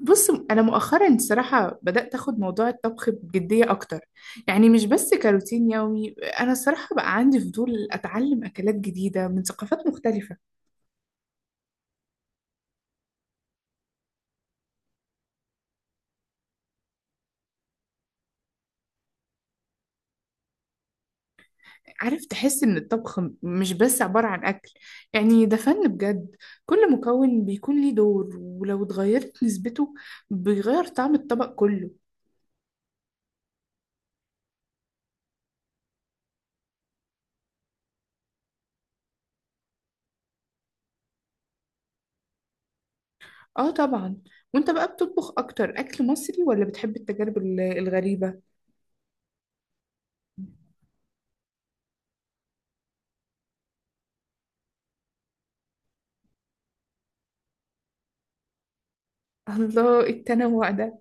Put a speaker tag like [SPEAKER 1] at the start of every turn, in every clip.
[SPEAKER 1] بص، انا مؤخرا الصراحه بدات اخد موضوع الطبخ بجديه اكتر. يعني مش بس كروتين يومي. انا الصراحه بقى عندي فضول اتعلم اكلات جديده من ثقافات مختلفه. عارف، تحس ان الطبخ مش بس عباره عن اكل. يعني ده فن بجد. كل مكون بيكون ليه دور، ولو اتغيرت نسبته بيغير طعم الطبق كله. اه، طبعا. وانت بقى بتطبخ اكتر اكل مصري ولا بتحب التجارب الغريبه؟ الله، التنوع ده!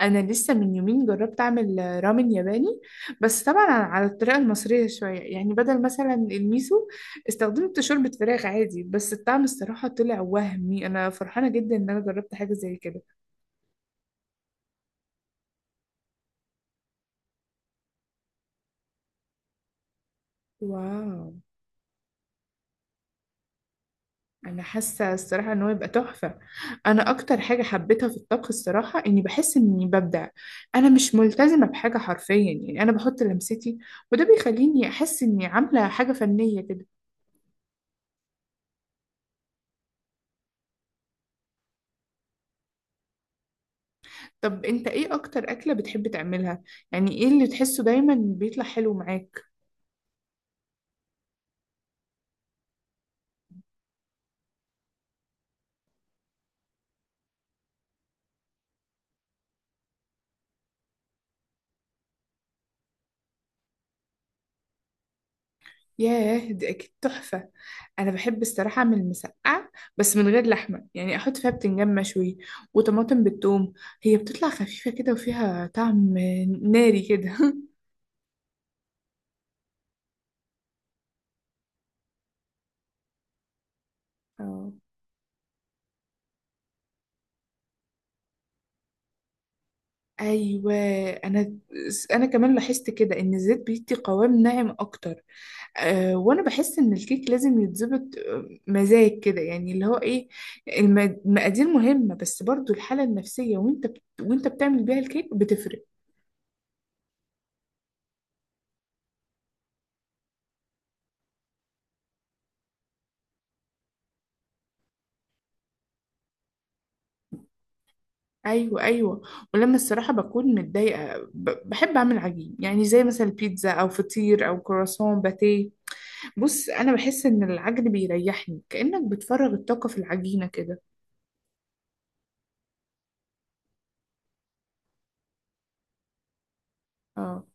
[SPEAKER 1] انا لسه من يومين جربت اعمل رامن ياباني. بس طبعا على الطريقه المصريه شويه، يعني بدل مثلا الميسو استخدمت شوربه فراخ عادي، بس الطعم الصراحه طلع وهمي. انا فرحانه جدا ان انا جربت حاجه زي كده. واو! انا حاسه الصراحه ان هو يبقى تحفه. انا اكتر حاجه حبيتها في الطبخ الصراحه اني بحس اني ببدع. انا مش ملتزمه بحاجه حرفيا، يعني انا بحط لمستي، وده بيخليني احس اني عامله حاجه فنيه كده. طب انت ايه اكتر اكلة بتحب تعملها؟ يعني ايه اللي تحسه دايما بيطلع حلو معاك؟ ياه، دي اكيد تحفة. انا بحب الصراحة اعمل مسقعة، بس من غير لحمة. يعني احط فيها بتنجان مشوي وطماطم بالثوم. هي بتطلع خفيفة كده وفيها طعم ناري كده اه. ايوه. انا انا كمان لاحظت كده ان الزيت بيدي قوام ناعم اكتر. وانا بحس ان الكيك لازم يتظبط مزاج كده، يعني اللي هو ايه. المقادير مهمة، بس برضو الحالة النفسية وانت بتعمل بيها الكيك بتفرق. ايوه، ايوه. ولما الصراحة بكون متضايقة، بحب اعمل عجين، يعني زي مثلا بيتزا او فطير او كرواسون باتيه. بص، انا بحس ان العجن بيريحني، كأنك بتفرغ الطاقة في العجينة كده. اه.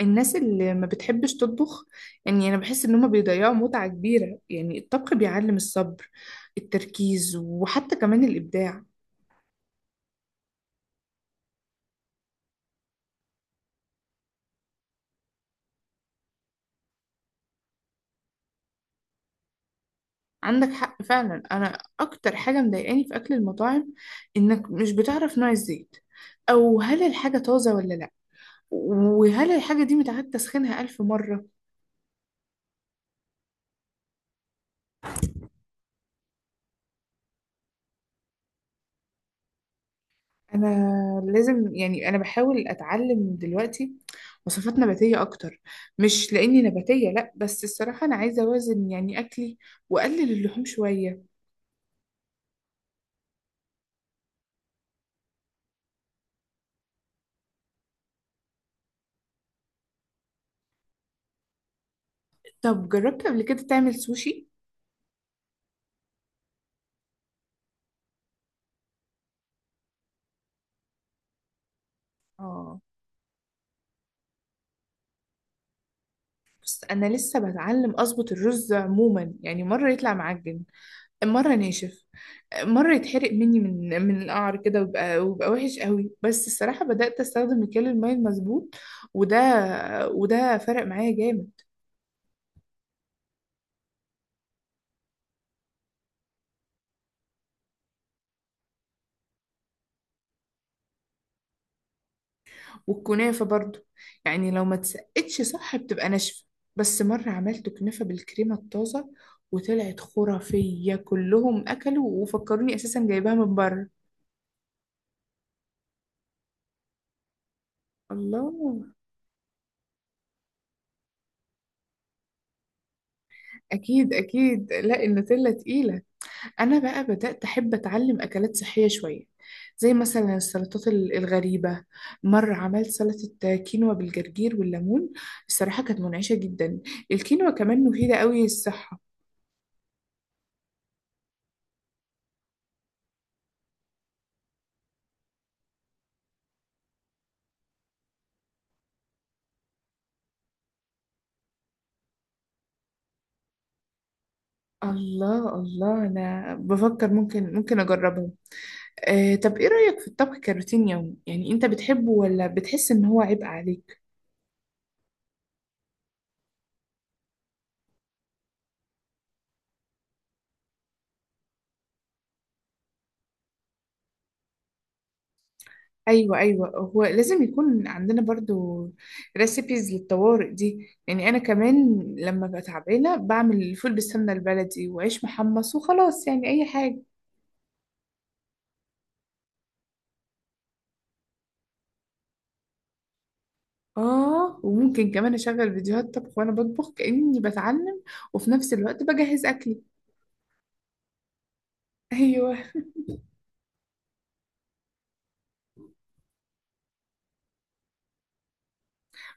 [SPEAKER 1] الناس اللي ما بتحبش تطبخ، يعني انا بحس ان هما بيضيعوا متعة كبيرة. يعني الطبخ بيعلم الصبر، التركيز، وحتى كمان الابداع. عندك حق فعلا. انا اكتر حاجة مضايقاني في اكل المطاعم انك مش بتعرف نوع الزيت، او هل الحاجة طازة ولا لا، وهل الحاجة دي متعاد تسخينها الف مرة. انا لازم، يعني انا بحاول اتعلم دلوقتي وصفات نباتيه اكتر. مش لاني نباتيه، لا، بس الصراحه انا عايزه اوازن يعني اكلي، واقلل اللحوم شويه. طب جربت قبل كده تعمل سوشي؟ اه. بس انا لسه بتعلم اظبط الرز عموما. يعني مره يطلع معجن، مره ناشف، مره يتحرق مني من القعر كده، ويبقى وحش قوي. بس الصراحه بدات استخدم مكيال الميه المظبوط، وده وده فرق معايا جامد. والكنافة برضو، يعني لو ما اتسقتش صح بتبقى ناشفة. بس مرة عملت كنافة بالكريمة الطازة وطلعت خرافية، كلهم أكلوا وفكروني أساسا جايباها من بره. الله! أكيد، أكيد، لا، النوتيلا تقيلة. أنا بقى بدأت أحب أتعلم أكلات صحية شوية، زي مثلا السلطات الغريبة. مرة عملت سلطة كينوا بالجرجير والليمون، الصراحة كانت منعشة جدا. الكينوا كمان مفيدة قوي للصحة. الله، الله. انا بفكر ممكن اجربهم. طب ايه رأيك في الطبخ كروتين يومي؟ يعني انت بتحبه ولا بتحس ان هو عبء عليك؟ ايوه، ايوه، هو لازم يكون عندنا برضو ريسيبيز للطوارئ دي. يعني انا كمان لما ببقى تعبانه بعمل فول بالسمنه البلدي وعيش محمص وخلاص، يعني اي حاجه. اه، وممكن كمان اشغل فيديوهات طبخ وانا بطبخ كأني بتعلم، وفي نفس الوقت بجهز اكلي. ايوه.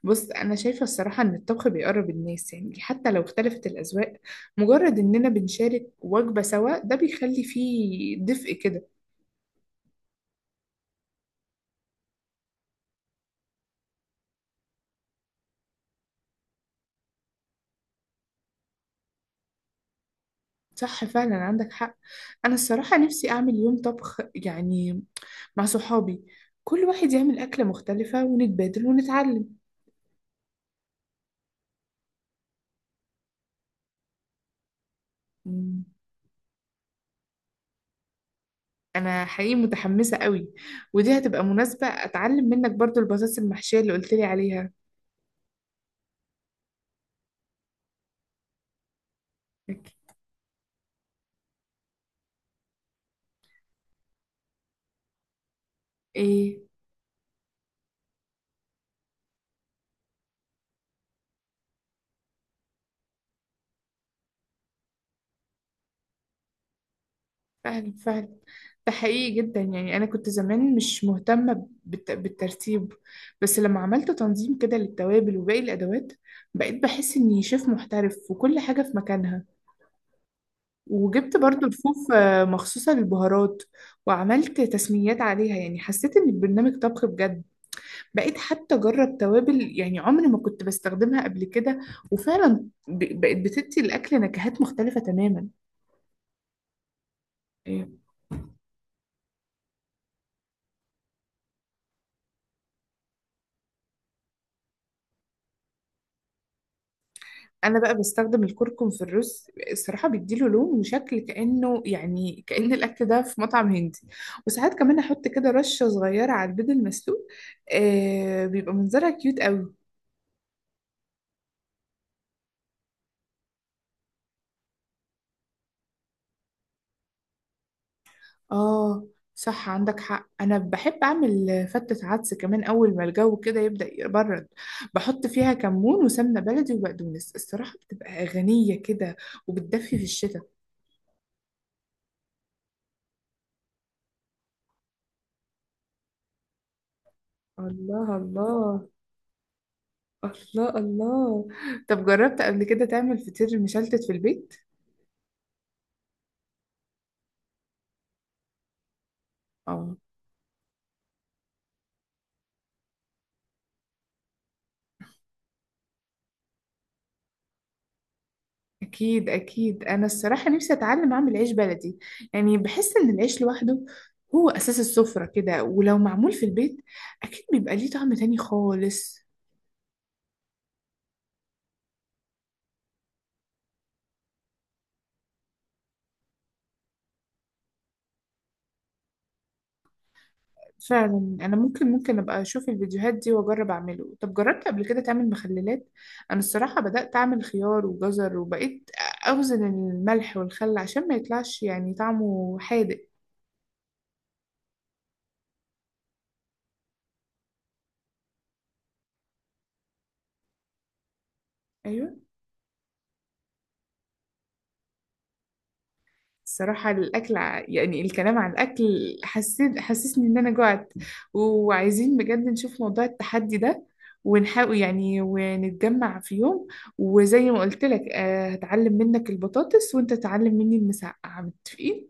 [SPEAKER 1] بص، أنا شايفة الصراحة إن الطبخ بيقرب الناس، يعني حتى لو اختلفت الأذواق، مجرد إننا بنشارك وجبة سوا ده بيخلي فيه دفء كده. صح فعلا، عندك حق. أنا الصراحة نفسي أعمل يوم طبخ، يعني مع صحابي، كل واحد يعمل أكلة مختلفة ونتبادل ونتعلم. مم. أنا حقيقي متحمسة قوي، ودي هتبقى مناسبة أتعلم منك برضو البطاطس المحشية اللي قلتلي عليها. أوكي. إيه؟ فعلا، فعلا. ده حقيقي جدا. يعني أنا كنت زمان مش مهتمة بالترتيب، بس لما عملت تنظيم كده للتوابل وباقي الأدوات بقيت بحس إني شيف محترف وكل حاجة في مكانها. وجبت برضو رفوف مخصوصة للبهارات، وعملت تسميات عليها. يعني حسيت إن البرنامج طبخ بجد. بقيت حتى أجرب توابل يعني عمري ما كنت بستخدمها قبل كده، وفعلا بقت بتدي الأكل نكهات مختلفة تماما. انا بقى بستخدم الكركم في الرز. الصراحه بيديله لون وشكل كانه، يعني كان الاكل ده في مطعم هندي. وساعات كمان احط كده رشه صغيره على البيض المسلوق، بيبقى منظرها كيوت قوي. اه، صح، عندك حق. انا بحب اعمل فتة عدس كمان اول ما الجو كده يبدا يبرد. بحط فيها كمون وسمنه بلدي وبقدونس. الصراحه بتبقى غنيه كده، وبتدفي في الشتاء. الله، الله. الله، الله. طب جربت قبل كده تعمل فطير مشلتت في البيت؟ اه. أكيد، أكيد. أنا الصراحة نفسي أتعلم أعمل عيش بلدي. يعني بحس إن العيش لوحده هو أساس السفرة كده، ولو معمول في البيت أكيد بيبقى ليه طعم تاني خالص. فعلا، أنا ممكن أبقى أشوف الفيديوهات دي وأجرب أعمله. طب جربت قبل كده تعمل مخللات؟ أنا الصراحة بدأت أعمل خيار وجزر، وبقيت أوزن الملح والخل عشان ما يطلعش يعني طعمه حادق. أيوه. الصراحة الأكل، يعني الكلام عن الأكل حسسني إن أنا جوعت. وعايزين بجد نشوف موضوع التحدي ده، ونحاول يعني ونتجمع في يوم. وزي ما قلت لك هتعلم منك البطاطس وأنت تعلم مني المسقعة. متفقين؟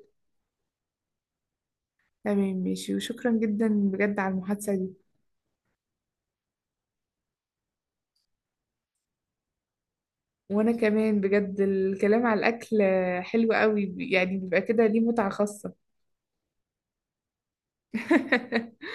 [SPEAKER 1] تمام، ماشي. وشكرا جدا بجد على المحادثة دي. وأنا كمان بجد، الكلام على الأكل حلو قوي، يعني بيبقى كده ليه متعة خاصة.